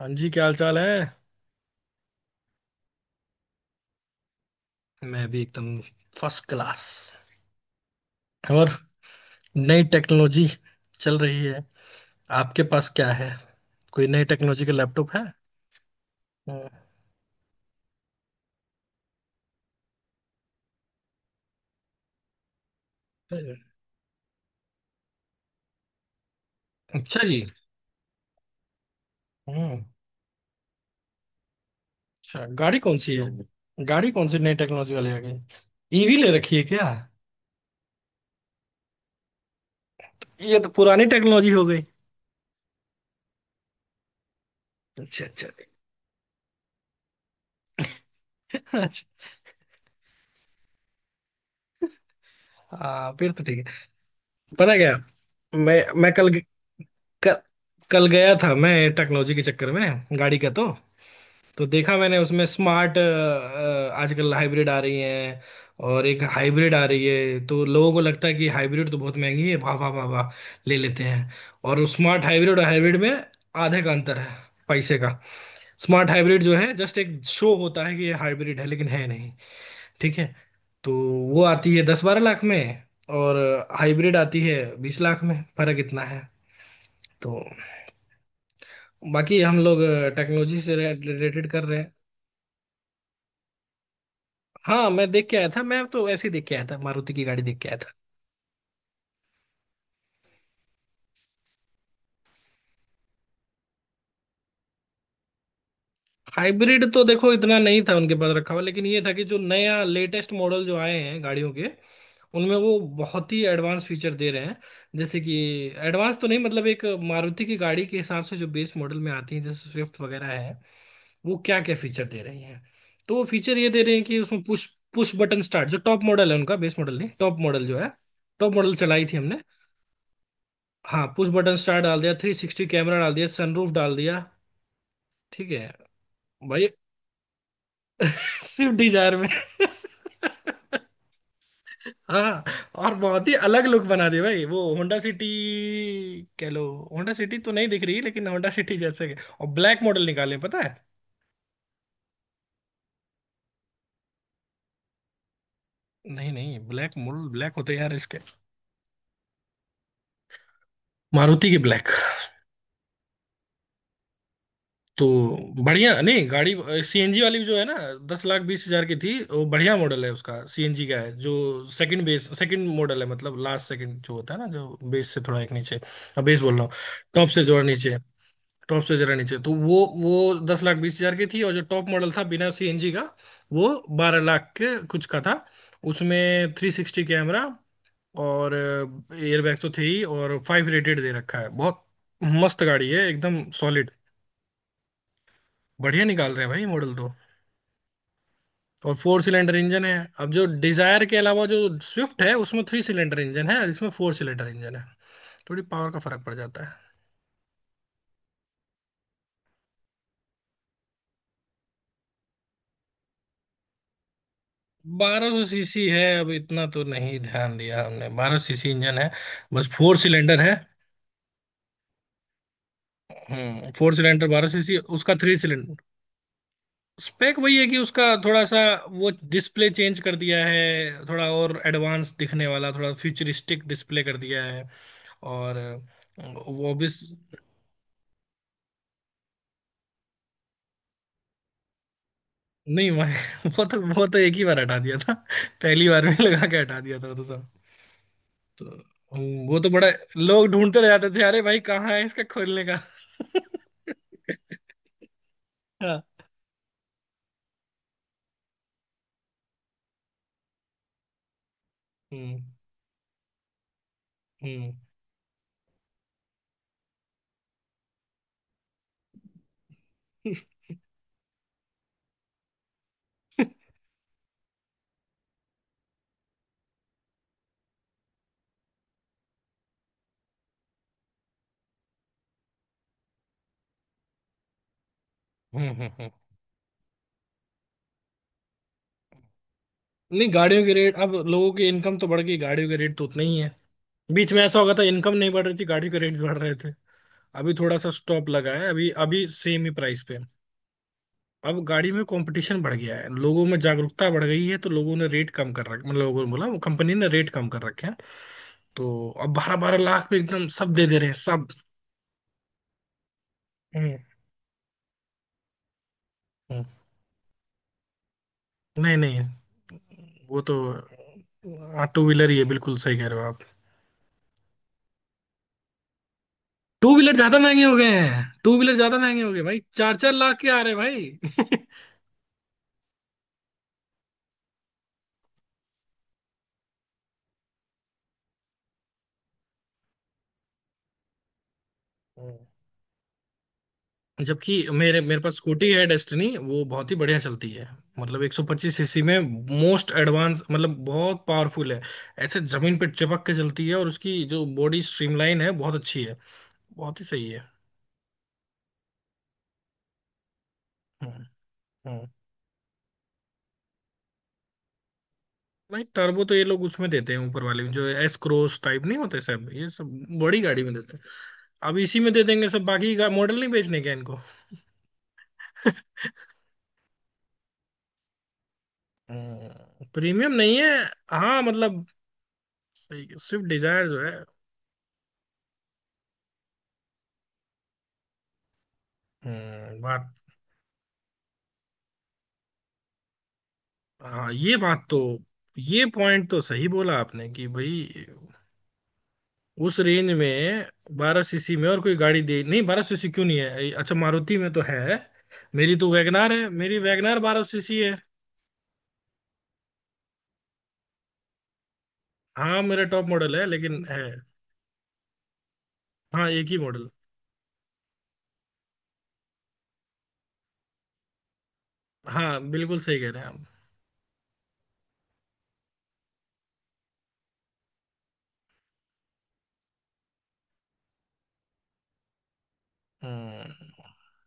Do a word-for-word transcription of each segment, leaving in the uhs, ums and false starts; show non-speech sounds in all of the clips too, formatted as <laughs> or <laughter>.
हाँ जी, क्या हाल चाल है। मैं भी एकदम फर्स्ट क्लास। और नई टेक्नोलॉजी चल रही है। आपके पास क्या है? कोई नई टेक्नोलॉजी का लैपटॉप है? हम्म। अच्छा जी। हम्म। अच्छा, गाड़ी कौन सी है? गाड़ी कौन सी नई टेक्नोलॉजी वाली आ गई? ईवी ले रखी है क्या? ये तो पुरानी टेक्नोलॉजी हो गई। अच्छा अच्छा। अच्छा। हाँ, फिर तो ठीक है। पता क्या, मैं मैं कल कल, कल गया था मैं, टेक्नोलॉजी के चक्कर में गाड़ी का। तो तो देखा मैंने उसमें स्मार्ट आजकल हाइब्रिड आ रही हैं। और एक हाइब्रिड आ रही है तो लोगों को लगता है कि हाइब्रिड तो बहुत महंगी है। वाह वाह वाह वाह, ले लेते हैं। और स्मार्ट हाइब्रिड और हाइब्रिड में आधे का अंतर है पैसे का। स्मार्ट हाइब्रिड जो है जस्ट एक शो होता है कि ये हाइब्रिड है लेकिन है नहीं। ठीक है। तो वो आती है दस बारह लाख में, और हाइब्रिड आती है बीस लाख में। फर्क इतना है। तो बाकी हम लोग टेक्नोलॉजी से रिलेटेड कर रहे हैं। हाँ, मैं देख के आया था। मैं तो ऐसे ही देख के आया था, मारुति की गाड़ी देख के आया था। हाइब्रिड तो देखो इतना नहीं था उनके पास रखा हुआ, लेकिन ये था कि जो नया लेटेस्ट मॉडल जो आए हैं गाड़ियों के, उनमें वो बहुत ही एडवांस फीचर दे रहे हैं। जैसे कि एडवांस तो नहीं, मतलब एक मारुति की गाड़ी के हिसाब से जो बेस मॉडल में आती है जैसे स्विफ्ट वगैरह है, वो क्या क्या फीचर दे रही है। तो वो फीचर ये दे रहे हैं कि उसमें पुश, पुश बटन स्टार्ट। जो टॉप मॉडल है उनका, बेस मॉडल नहीं, टॉप मॉडल जो है, टॉप मॉडल चलाई थी हमने। हाँ, पुश बटन स्टार्ट डाल दिया, थ्री सिक्सटी कैमरा डाल दिया, सनरूफ डाल दिया। ठीक है। भाई, स्विफ्ट डिजायर में <laughs> हाँ। और बहुत ही अलग लुक बना दिया भाई, वो होंडा सिटी कह लो। होंडा सिटी तो नहीं दिख रही, लेकिन होंडा सिटी जैसे के- और ब्लैक मॉडल निकाले, पता है। नहीं नहीं, ब्लैक मॉडल ब्लैक होते हैं यार इसके, मारुति की ब्लैक। तो बढ़िया नहीं गाड़ी, सीएनजी वाली जो है ना, दस लाख बीस हजार की थी। वो बढ़िया मॉडल है, उसका सीएनजी का है जो सेकंड बेस, सेकंड मॉडल है, मतलब लास्ट सेकंड जो होता है ना, जो बेस से थोड़ा एक नीचे, बेस बोल रहा हूँ, टॉप से जो है नीचे, टॉप से जरा नीचे। तो वो वो दस लाख बीस हजार की थी, और जो टॉप मॉडल था बिना सीएनजी का, वो बारह लाख के कुछ का था। उसमें थ्री सिक्सटी कैमरा और एयरबैग तो थे ही, और फाइव रेटेड दे रखा है। बहुत मस्त गाड़ी है, एकदम सॉलिड। बढ़िया निकाल रहे हैं भाई मॉडल तो। और फोर सिलेंडर इंजन है। अब जो डिजायर के अलावा जो स्विफ्ट है, उसमें थ्री सिलेंडर इंजन है, और इसमें फोर सिलेंडर इंजन है। थोड़ी पावर का फर्क पड़ जाता है। बारह सौ सीसी है, अब इतना तो नहीं ध्यान दिया हमने। बारह सीसी इंजन है, बस फोर सिलेंडर है। हम्म, फोर सिलेंडर बारह सीसी, उसका थ्री सिलेंडर। स्पेक वही है, कि उसका थोड़ा सा वो डिस्प्ले चेंज कर दिया है, थोड़ा और एडवांस दिखने वाला, थोड़ा फ्यूचरिस्टिक डिस्प्ले कर दिया है। और अ, वो भी। नहीं वह- <laughs> वो तो वो तो एक ही बार हटा दिया था, पहली बार में लगा के हटा दिया था वो तो सब। तो हम्म, वो तो बड़ा लोग ढूंढते रह जाते थे, अरे भाई कहाँ है इसका खोलने का। हाँ। हम्म हम्म। <laughs> हम्म हम्म, हम्म। नहीं, गाड़ियों के रेट, अब लोगों की इनकम तो बढ़ गई, गाड़ियों के रेट तो उतने ही है। बीच में ऐसा हो गया था, इनकम नहीं बढ़ रही थी, गाड़ियों के रेट बढ़ रहे थे। अभी थोड़ा सा स्टॉप लगा है, अभी अभी सेम ही प्राइस पे है। अब गाड़ी में कंपटीशन बढ़ गया है, लोगों में जागरूकता बढ़ गई है, तो लोगों ने रेट कम कर रखा, मतलब लोगों ने बोला, वो कंपनी ने रेट कम कर रखे हैं। तो अब बारह बारह लाख पे एकदम सब दे दे रहे हैं सब। हम्म हम्म। नहीं नहीं, वो तो। हाँ, टू व्हीलर ही है, बिल्कुल सही कह रहे हो आप। टू व्हीलर ज्यादा महंगे हो गए हैं, टू व्हीलर ज्यादा महंगे हो गए भाई, चार चार लाख के आ रहे भाई <laughs> हम्म। जबकि मेरे मेरे पास स्कूटी है, डेस्टिनी, वो बहुत ही बढ़िया चलती है। मतलब एक सौ पच्चीस सीसी में मोस्ट एडवांस, मतलब बहुत पावरफुल है। ऐसे जमीन पे चिपक के चलती है, और उसकी जो बॉडी स्ट्रीमलाइन है, बहुत अच्छी है। बहुत ही सही है। हम्म हम्म। भाई, टर्बो तो ये लोग उसमें देते हैं, ऊपर वाले में, जो एस क्रॉस टाइप नहीं होते सब ये सब, बड़ी गाड़ी में देते हैं। अब इसी में दे देंगे सब, बाकी का मॉडल नहीं बेचने क्या इनको। हम्म, प्रीमियम नहीं है। हाँ मतलब, सही स्विफ्ट डिजायर जो है। हम्म, बात। हाँ, ये बात तो। ये पॉइंट तो सही बोला आपने कि भाई उस रेंज में। बारह सीसी में और कोई गाड़ी दे नहीं, बारह सीसी क्यों नहीं है। अच्छा मारुति में तो है, मेरी तो वैगनार है, मेरी वैगनार बारह सीसी है। हाँ, मेरा टॉप मॉडल है लेकिन है। हाँ, एक ही मॉडल। हाँ, बिल्कुल सही कह रहे हैं आप।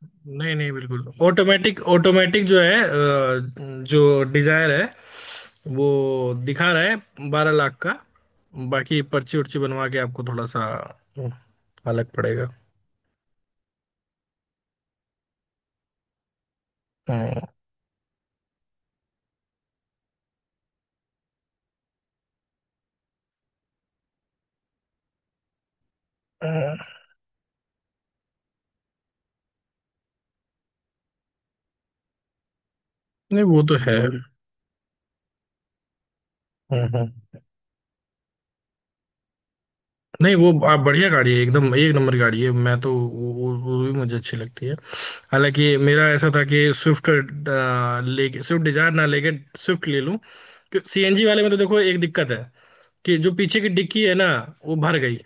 नहीं नहीं, बिल्कुल ऑटोमेटिक, ऑटोमेटिक जो है अ, जो डिजायर है, वो दिखा रहा है बारह लाख का। बाकी पर्ची उर्ची बनवा के आपको थोड़ा सा अ, अलग पड़ेगा। हम्म हम्म। नहीं वो तो है। हम्म हम्म। नहीं वो आप, बढ़िया गाड़ी है, एकदम एक नंबर गाड़ी है। मैं तो वो, वो, वो भी मुझे अच्छी लगती है। हालांकि मेरा ऐसा था कि स्विफ्ट लेके, स्विफ्ट डिजायर ना लेके स्विफ्ट ले लूं। सीएनजी वाले में तो देखो एक दिक्कत है, कि जो पीछे की डिक्की है ना, वो भर गई।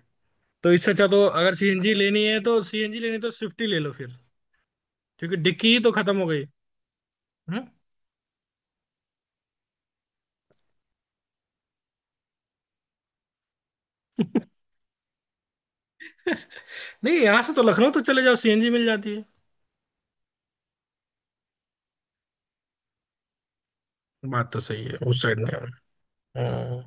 तो इससे अच्छा तो, अगर सीएनजी लेनी है, तो सीएनजी लेनी है तो स्विफ्ट ही ले लो फिर। क्योंकि डिक्की ही तो खत्म हो गई। हम्म। नहीं, यहाँ से तो लखनऊ तो चले जाओ, सीएनजी मिल जाती है। बात तो सही है उस साइड में। हम्म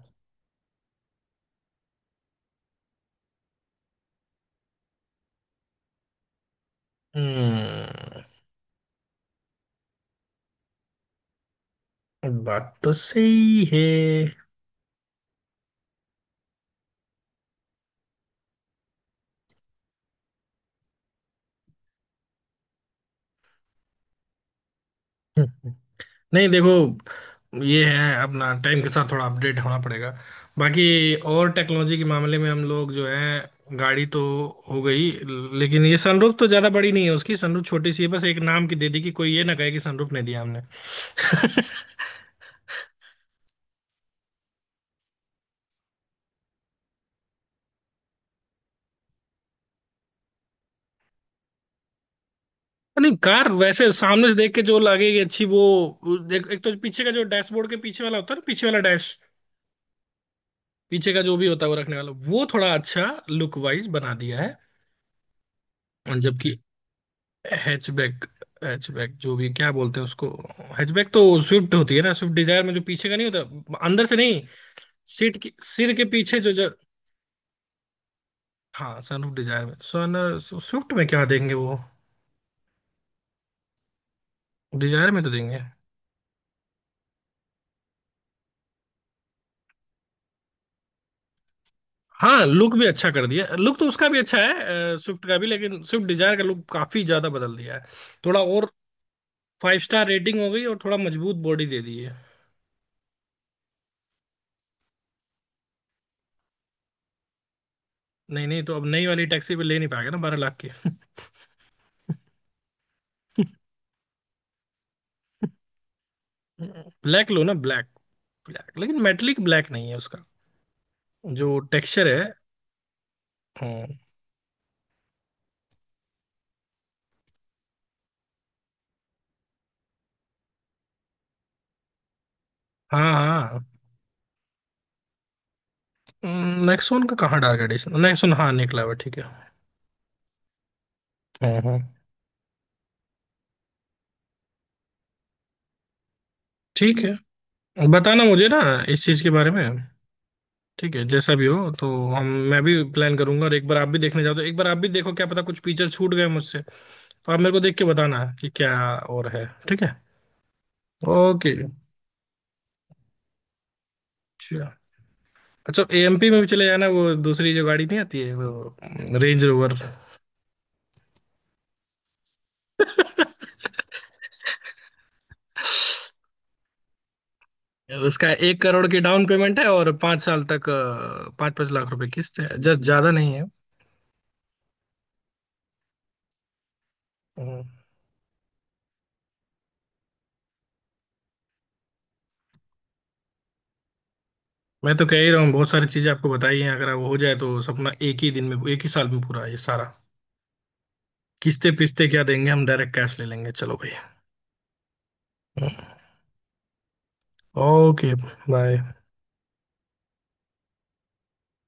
हम्म, बात तो सही है। नहीं देखो, ये है, अपना टाइम के साथ थोड़ा अपडेट होना पड़ेगा। बाकी और टेक्नोलॉजी के मामले में हम लोग जो है, गाड़ी तो हो गई। लेकिन ये सनरूफ तो ज्यादा बड़ी नहीं है उसकी, सनरूफ छोटी सी है, बस एक नाम की दे दी कि कोई ये ना कहे कि सनरूफ नहीं दिया हमने। नहीं, कार वैसे सामने से देख के जो लगेगी, अच्छी वो। एक, एक तो पीछे का जो डैशबोर्ड के पीछे वाला होता है ना, पीछे वाला डैश, पीछे का जो भी होता है वो रखने वाला, वो थोड़ा अच्छा लुक वाइज बना दिया है। जबकि हैचबैक, हैचबैक जो भी क्या बोलते हैं उसको, हैचबैक तो स्विफ्ट होती है ना। स्विफ्ट डिजायर में जो पीछे का नहीं होता, अंदर से नहीं, सीट की सिर के पीछे जो जो। हाँ, सनरूफ डिजायर में सन, स्विफ्ट में क्या देंगे वो, डिजायर में तो देंगे। हाँ, लुक भी अच्छा कर दिया। लुक तो उसका भी अच्छा है स्विफ्ट का भी, लेकिन स्विफ्ट डिजायर का लुक काफी ज्यादा बदल दिया है, थोड़ा और। फाइव स्टार रेटिंग हो गई, और थोड़ा मजबूत बॉडी दे दी है। नहीं नहीं, तो अब नई वाली टैक्सी पे ले नहीं पाएगा ना, बारह लाख की। ब्लैक लो ना ब्लैक, ब्लैक लेकिन मेटलिक ब्लैक नहीं है उसका जो टेक्सचर है। हाँ हाँ। हाँ, नेक्सॉन का कहाँ डार्क एडिशन, नेक्सॉन हाँ निकला हुआ है, ठीक है। हाँ हाँ। ठीक है, बताना मुझे ना, इस चीज के बारे में। ठीक है जैसा भी हो, तो हम, मैं भी प्लान करूंगा, और एक बार आप भी देखने जाओ, तो एक बार आप भी देखो क्या पता कुछ फीचर छूट गए मुझसे। तो आप मेरे को देख के बताना कि क्या और है। ठीक है। ओके। अच्छा, एएमपी में भी चले जाना, वो दूसरी जो गाड़ी नहीं आती है, वो रेंज रोवर। <laughs> उसका एक करोड़ की डाउन पेमेंट है, और पाँच साल तक अ, पाँच पाँच लाख रुपए किस्त है, जस्ट, ज्यादा नहीं है। हम्म। मैं तो कह ही रहा हूँ, बहुत सारी चीजें आपको बताई हैं, अगर वो हो जाए तो सपना, एक ही दिन में, एक ही साल में पूरा ये सारा। किस्ते पिस्ते क्या देंगे, हम डायरेक्ट कैश ले लेंगे चलो भाई। ओके। बाय।